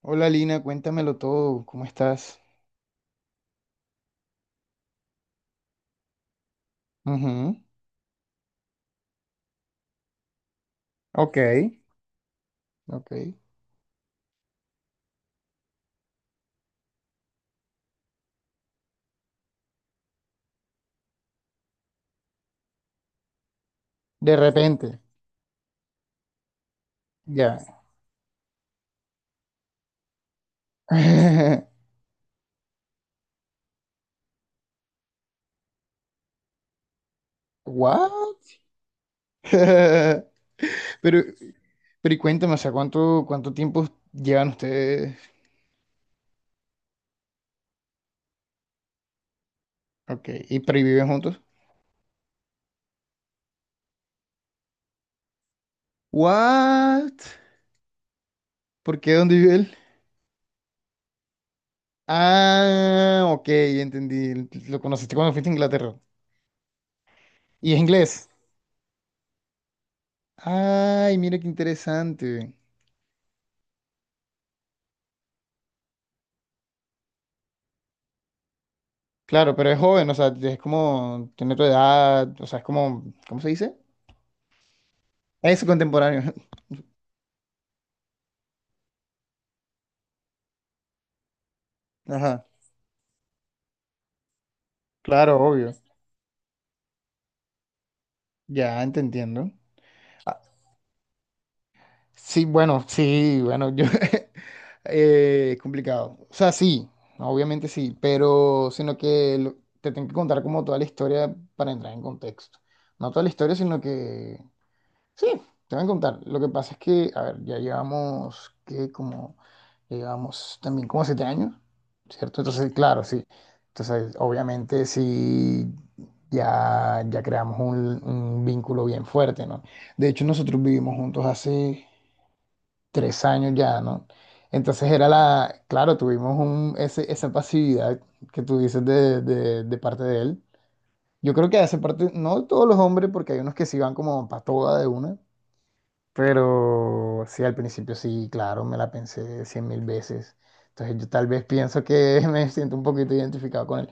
Hola Lina, cuéntamelo todo, ¿cómo estás? Ujú. Ok, ok. De repente, ya. ¿What? Pero, pero y cuéntame, o sea, ¿cuánto tiempo llevan ustedes? Ok, ¿y pero y viven juntos? ¿What? ¿Por qué? ¿Dónde vive él? Ah, ok, ya entendí. Lo conociste cuando fuiste a Inglaterra. ¿Y es inglés? Ay, mira qué interesante. Claro, pero es joven, o sea, es como, tiene tu edad, o sea, es como, ¿cómo se dice? Es contemporáneo. Ajá, claro, obvio. Ya, te entiendo. Ah, sí, bueno, sí, bueno, yo, es complicado. O sea, sí, obviamente sí, pero, sino que te tengo que contar como toda la historia para entrar en contexto. No toda la historia, sino que. Sí, te voy a contar. Lo que pasa es que, a ver, ya llevamos también como 7 años, ¿cierto? Entonces, claro, sí. Entonces, obviamente, sí, ya creamos un vínculo bien fuerte, ¿no? De hecho, nosotros vivimos juntos hace 3 años ya, ¿no? Entonces era la, claro, tuvimos esa pasividad que tú dices de parte de él. Yo creo que hace parte, no de todos los hombres, porque hay unos que sí van como para toda de una, pero sí, al principio sí, claro, me la pensé cien mil veces. Entonces yo tal vez pienso que me siento un poquito identificado con él.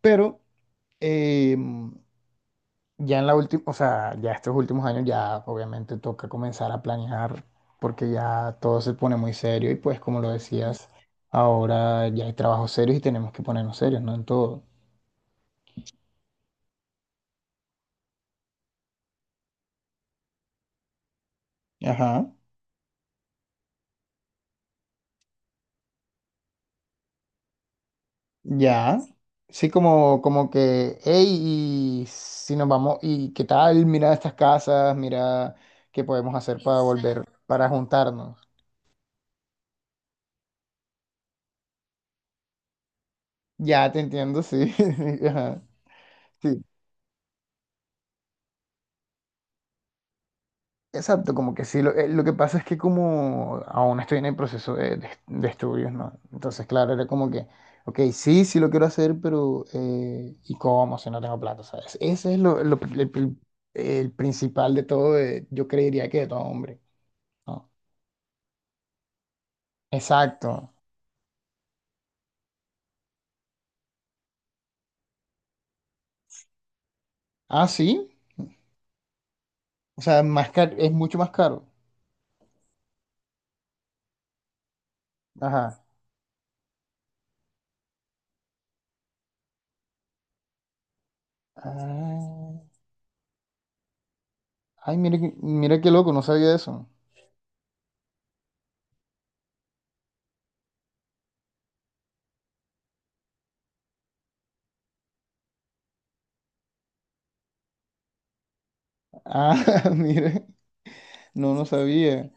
Pero eh, ya en la última, o sea, ya estos últimos años ya obviamente toca comenzar a planear porque ya todo se pone muy serio y pues como lo decías, ahora ya hay trabajos serios y tenemos que ponernos serios, ¿no? En todo. Ajá. Ya, sí, como que, hey, y si nos vamos, y qué tal, mira estas casas, mira qué podemos hacer para volver, para juntarnos. Ya te entiendo, sí. Ajá. Sí, exacto, como que sí. Lo que pasa es que como aún estoy en el proceso de estudios, ¿no? Entonces, claro, era como que, ok, sí, sí lo quiero hacer, pero ¿y cómo si no tengo plata, sabes? Ese es el principal de todo, yo creería que de todo hombre, ¿no? Exacto. Ah, sí. O sea, más es mucho más caro. Ajá. Ah, ay, mire, mira qué loco, no sabía eso. Ah, mire. No, no sabía.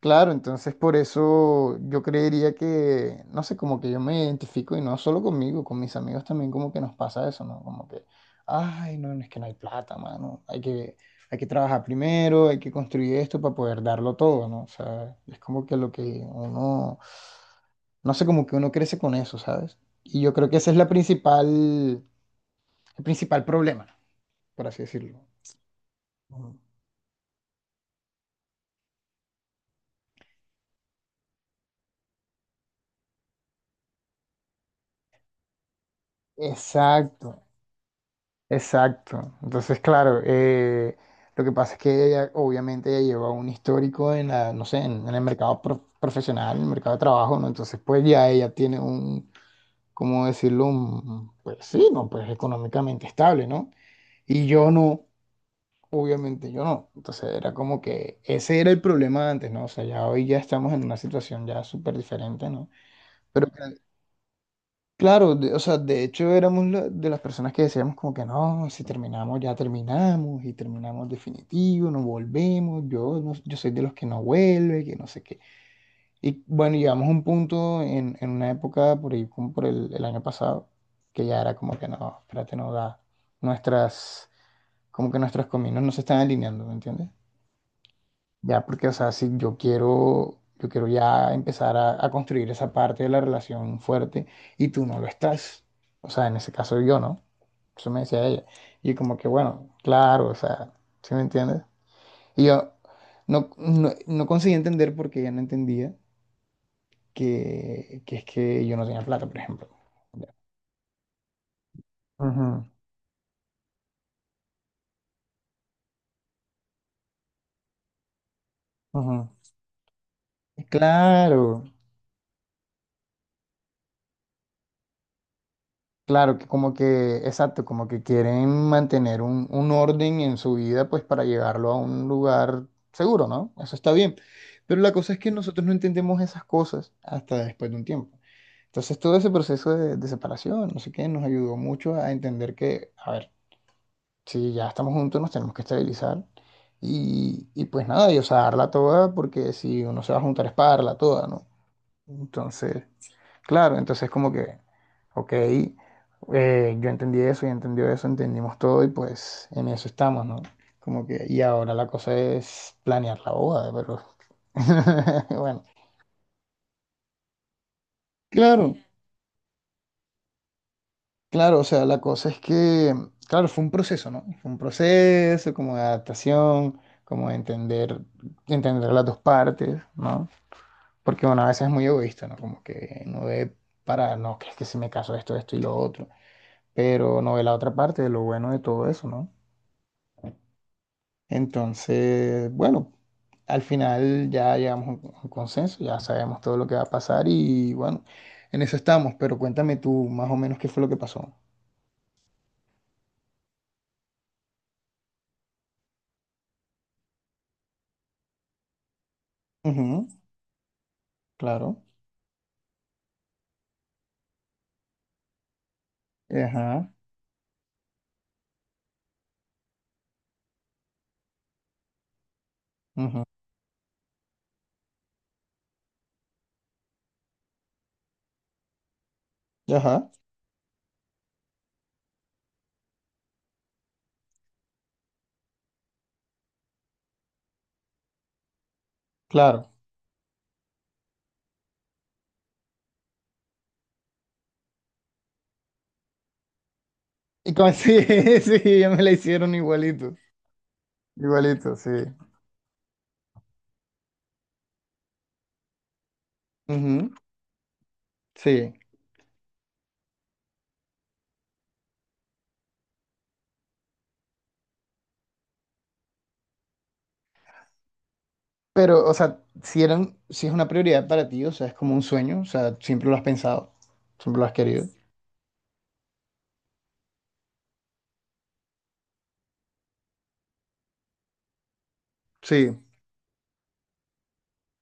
Claro, entonces por eso yo creería que, no sé, como que yo me identifico y no solo conmigo, con mis amigos también como que nos pasa eso, ¿no? Como que, ay, no, no, es que no hay plata, mano, hay que trabajar primero, hay que construir esto para poder darlo todo, ¿no? O sea, es como que lo que uno, no sé, como que uno crece con eso, ¿sabes? Y yo creo que ese es la principal, el principal problema, por así decirlo. Ujú. Exacto, exacto. Entonces, claro, lo que pasa es que ella, obviamente, ella lleva un histórico en la, no sé, en el mercado profesional, en el mercado de trabajo, ¿no? Entonces, pues ya ella tiene un, ¿cómo decirlo? Pues sí, ¿no? Pues económicamente estable, ¿no? Y yo no, obviamente yo no. Entonces, era como que ese era el problema antes, ¿no? O sea, ya hoy ya estamos en una situación ya súper diferente, ¿no? Pero claro, o sea, de hecho éramos de las personas que decíamos como que no, si terminamos ya terminamos y terminamos definitivo, no volvemos, yo, no- yo soy de los que no vuelve, que no sé qué. Y bueno, llegamos a un punto en una época por ahí, como por el año pasado, que ya era como que no, espérate, no da, nuestras, como que nuestras caminos no se están alineando, ¿me entiendes? Ya, porque, o sea, si yo quiero ya empezar a construir esa parte de la relación fuerte y tú no lo estás. O sea, en ese caso yo no. Eso me decía ella. Y como que, bueno, claro, o sea, ¿sí me entiendes? Y yo no conseguí entender porque ella no entendía que es que yo no tenía plata, por ejemplo. Ya. Ujú, ujú. Claro, claro, que como que, exacto, como que quieren mantener un orden en su vida, pues para llevarlo a un lugar seguro, ¿no? Eso está bien. Pero la cosa es que nosotros no entendemos esas cosas hasta después de un tiempo. Entonces todo ese proceso de separación, no sé qué, nos ayudó mucho a entender que, a ver, si ya estamos juntos, nos tenemos que estabilizar. Y pues nada, y o sea, darla toda, porque si uno se va a juntar es para darla toda, ¿no? Entonces... Claro, entonces como que, ok, yo entendí eso y entendió eso, entendimos todo y pues en eso estamos, ¿no? Como que, y ahora la cosa es planear la boda, pero bueno. Claro, claro, o sea, la cosa es que, claro, fue un proceso, ¿no? Fue un proceso como de adaptación, como de entender las dos partes, ¿no? Porque, bueno, a veces es muy egoísta, ¿no? Como que no ve para, no, que es que si me caso esto, esto y lo otro. Pero no ve la otra parte de lo bueno de todo eso, ¿no? Entonces, bueno, al final ya llegamos a un consenso, ya sabemos todo lo que va a pasar y bueno, en eso estamos, pero cuéntame tú más o menos qué fue lo que pasó. Ujú, claro. Ajá, ujú, ajá, claro. Y como sí, sí, ya me la hicieron igualito, igualito, sí. Ujú, sí. Pero, o sea, si es una prioridad para ti, o sea, es como un sueño, o sea, siempre lo has pensado, siempre lo has querido. Sí.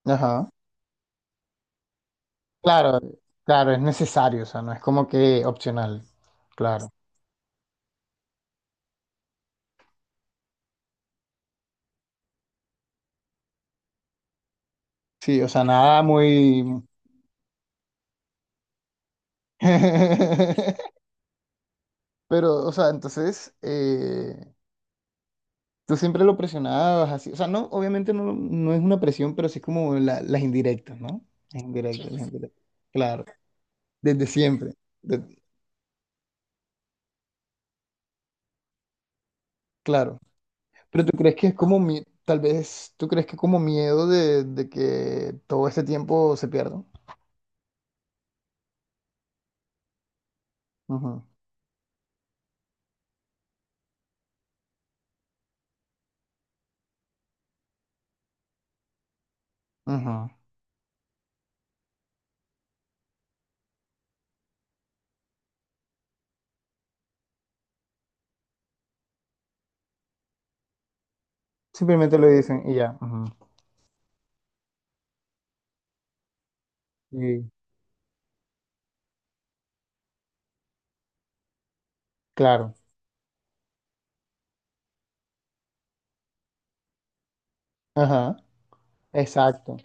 Ajá. Claro, claro, es necesario, o sea, no es como que opcional. Claro. Sí, o sea, nada muy... Pero, o sea, entonces, tú siempre lo presionabas así. O sea, no, obviamente no, no es una presión, pero sí como las indirectas, ¿no? Las indirectas, sí, las indirectas. Claro, desde siempre. de- claro. Pero tú crees que es como, tal vez, tú crees que como miedo de que todo este tiempo se pierda. Ujú, ujú. Simplemente lo dicen y ya. Ujú. Y claro. Ajá. Exacto.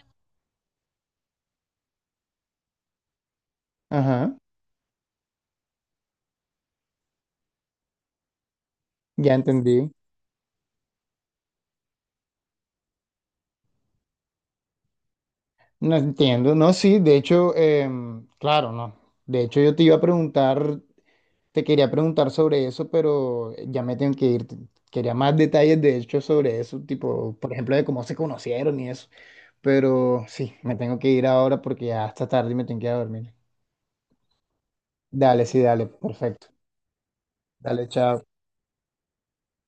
Ajá. Ya entendí. No entiendo. No, sí, de hecho, claro, no. De hecho, yo te iba a preguntar, te quería preguntar sobre eso, pero ya me tengo que ir. Quería más detalles, de hecho, sobre eso, tipo, por ejemplo, de cómo se conocieron y eso. Pero sí, me tengo que ir ahora porque ya está tarde y me tengo que ir a dormir. Dale, sí, dale. Perfecto. Dale, chao.